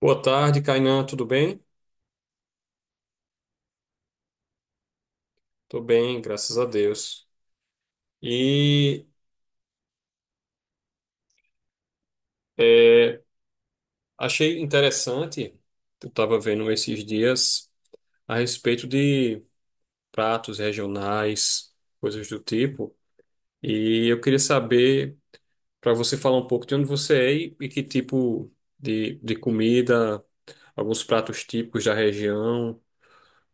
Boa tarde, Kainan, tudo bem? Tô bem, graças a Deus. E é, achei interessante, eu estava vendo esses dias a respeito de pratos regionais, coisas do tipo, e eu queria saber, para você falar um pouco de onde você é e que tipo de comida, alguns pratos típicos da região,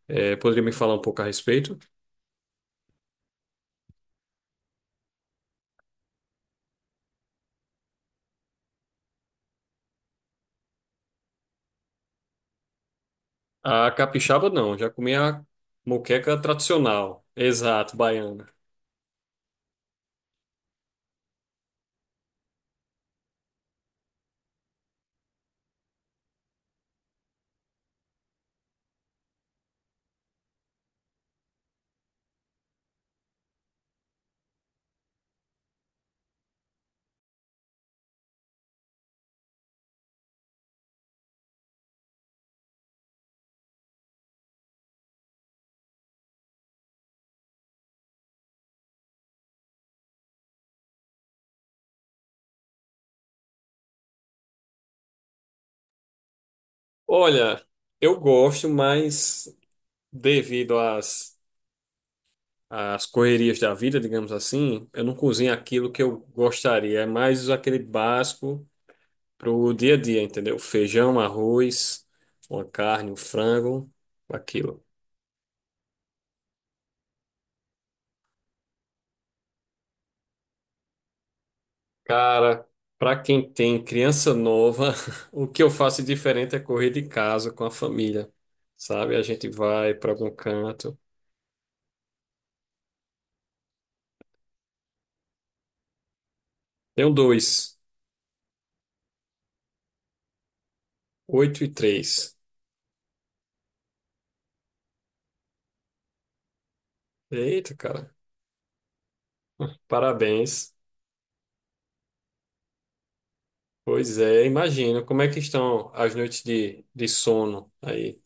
poderia me falar um pouco a respeito? A capixaba não, já comi a moqueca tradicional, exato, baiana. Olha, eu gosto, mas devido às correrias da vida, digamos assim, eu não cozinho aquilo que eu gostaria. É mais aquele básico pro dia a dia, entendeu? Feijão, arroz, uma carne, um frango, aquilo. Cara, para quem tem criança nova, o que eu faço diferente é correr de casa com a família, sabe? A gente vai para algum canto. Tenho dois, 8 e 3. Eita, cara, parabéns. Pois é, imagino. Como é que estão as noites de sono aí?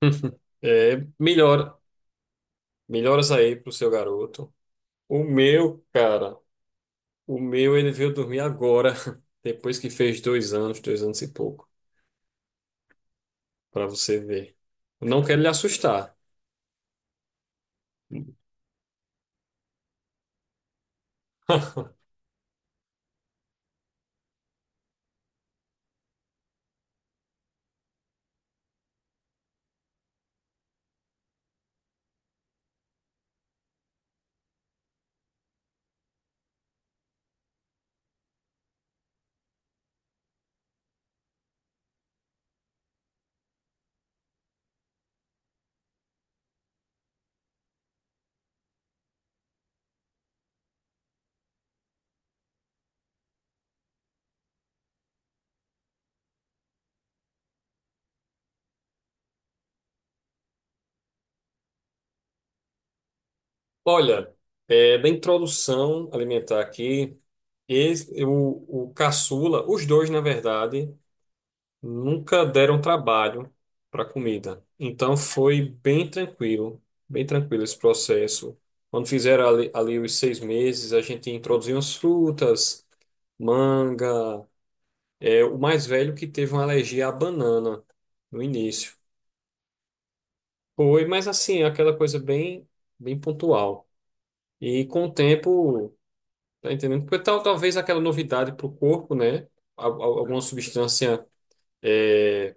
É, melhora melhoras aí pro seu garoto. O meu, cara, o meu, ele veio dormir agora, depois que fez 2 anos, dois anos e pouco, para você ver. Eu não quero lhe assustar. Olha, da introdução alimentar aqui, o caçula, os dois, na verdade, nunca deram trabalho para comida. Então foi bem tranquilo esse processo. Quando fizeram ali, ali os 6 meses, a gente introduziu as frutas, manga. É, o mais velho que teve uma alergia à banana no início. Foi, mas assim, é aquela coisa bem, bem pontual. E com o tempo, tá entendendo? Talvez aquela novidade para o corpo, né? Alguma substância. É,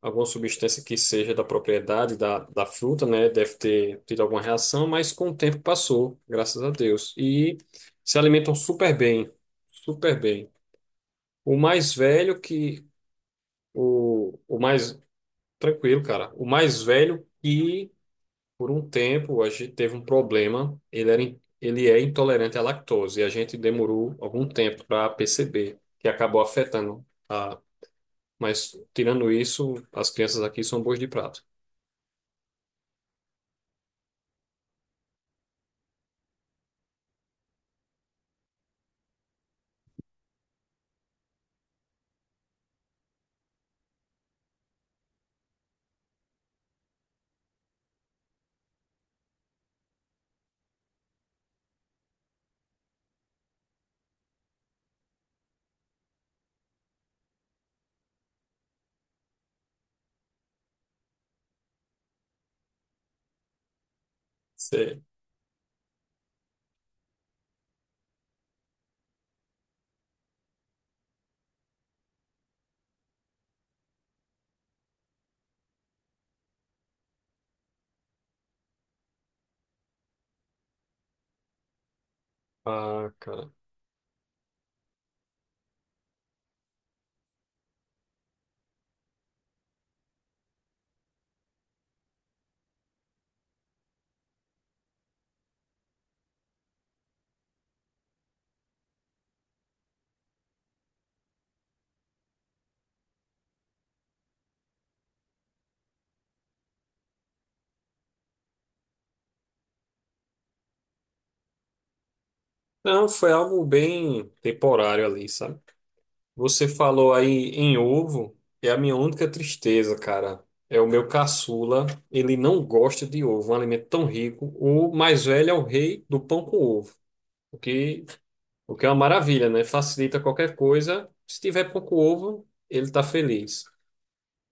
alguma substância que seja da propriedade da fruta, né? Deve ter tido alguma reação, mas com o tempo passou, graças a Deus. E se alimentam super bem, super bem. O mais velho que o mais tranquilo, cara. O mais velho que por um tempo a gente teve um problema, ele é intolerante à lactose e a gente demorou algum tempo para perceber que acabou afetando a. Mas tirando isso, as crianças aqui são boas de prato. Ah, cara. Não, foi algo bem temporário ali, sabe? Você falou aí em ovo, é a minha única tristeza, cara. É o meu caçula, ele não gosta de ovo, um alimento tão rico. O mais velho é o rei do pão com ovo, o que, o que é uma maravilha, né? Facilita qualquer coisa. Se tiver pão com ovo, ele tá feliz.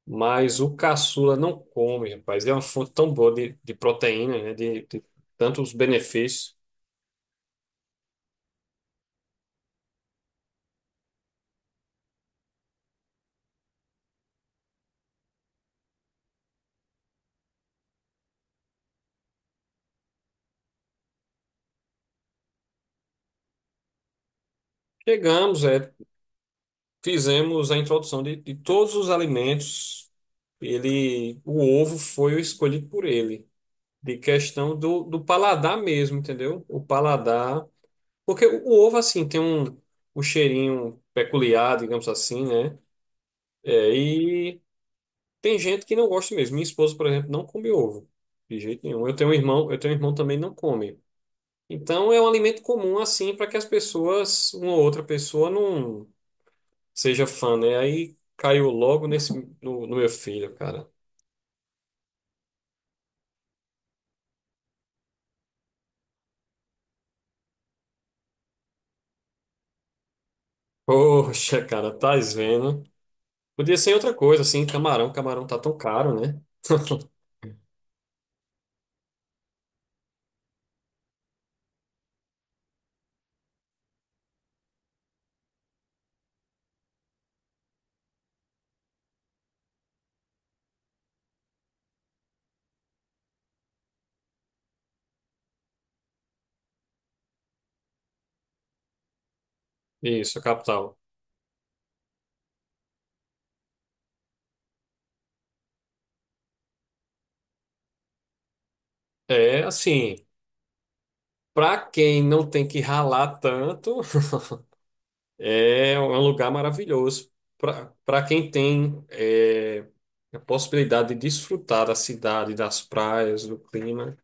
Mas o caçula não come, rapaz. É uma fonte tão boa de proteína, né? De tantos benefícios. Chegamos, é. Fizemos a introdução de todos os alimentos. Ele, o ovo foi o escolhido por ele, de questão do paladar mesmo, entendeu? O paladar, porque o ovo assim tem um, um cheirinho peculiar, digamos assim, né? É, e tem gente que não gosta mesmo. Minha esposa, por exemplo, não come ovo de jeito nenhum. Eu tenho um irmão que também não come. Então é um alimento comum assim para que as pessoas, uma ou outra pessoa não seja fã, né? Aí caiu logo nesse no meu filho, cara. Poxa, cara, tá vendo? Podia ser outra coisa, assim, camarão. Camarão tá tão caro, né? Isso, a capital. É, assim, pra quem não tem que ralar tanto, é um lugar maravilhoso. Pra quem tem é, a possibilidade de desfrutar da cidade, das praias, do clima.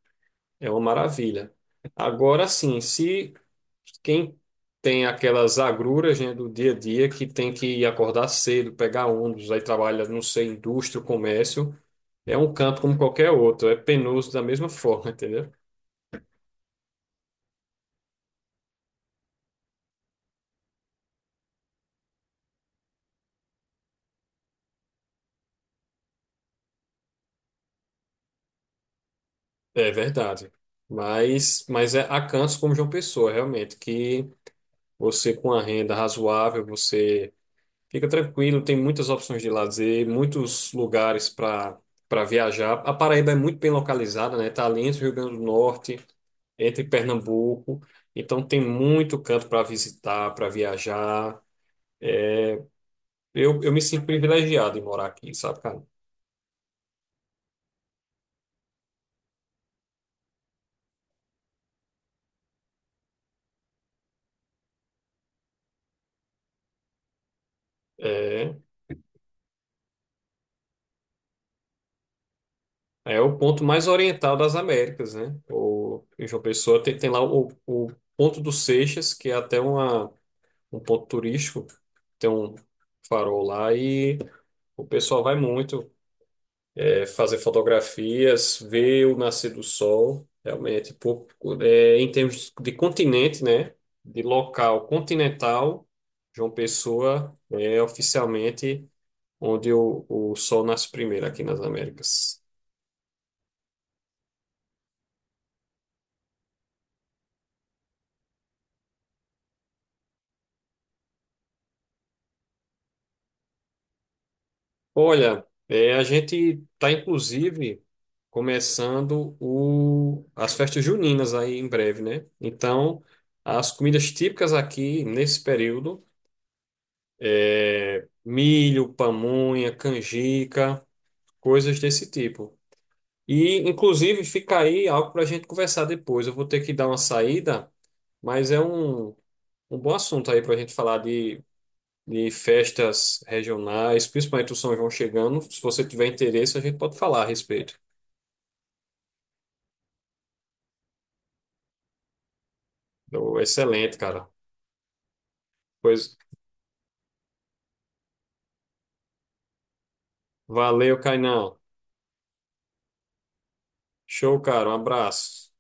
É uma maravilha. Agora sim, se quem tem aquelas agruras, né, do dia a dia, que tem que acordar cedo, pegar ônibus, aí trabalha, não sei, indústria, comércio, é um canto como qualquer outro, é penoso da mesma forma, entendeu? É verdade. Mas é, há cantos como João Pessoa, realmente, que você com a renda razoável, você. Fica tranquilo, tem muitas opções de lazer, muitos lugares para viajar. A Paraíba é muito bem localizada, né? Tá ali entre o Rio Grande do Norte, entre Pernambuco, então tem muito canto para visitar, para viajar. Eu me sinto privilegiado em morar aqui, sabe, cara? É, é o ponto mais oriental das Américas, né? O, em João Pessoa tem lá o Ponto dos Seixas, que é até uma, um ponto turístico, tem um farol lá e o pessoal vai muito. É, fazer fotografias, ver o nascer do sol, realmente, pô, é, em termos de continente, né? De local continental, João Pessoa é oficialmente onde o sol nasce primeiro aqui nas Américas. Olha, é, a gente está inclusive começando o, as festas juninas aí em breve, né? Então, as comidas típicas aqui nesse período. É, milho, pamonha, canjica, coisas desse tipo. E, inclusive, fica aí algo para a gente conversar depois. Eu vou ter que dar uma saída, mas é um, um bom assunto aí para a gente falar de festas regionais, principalmente o São João chegando. Se você tiver interesse, a gente pode falar a respeito. Então, excelente, cara. Pois, valeu, Kainan. Show, cara. Um abraço.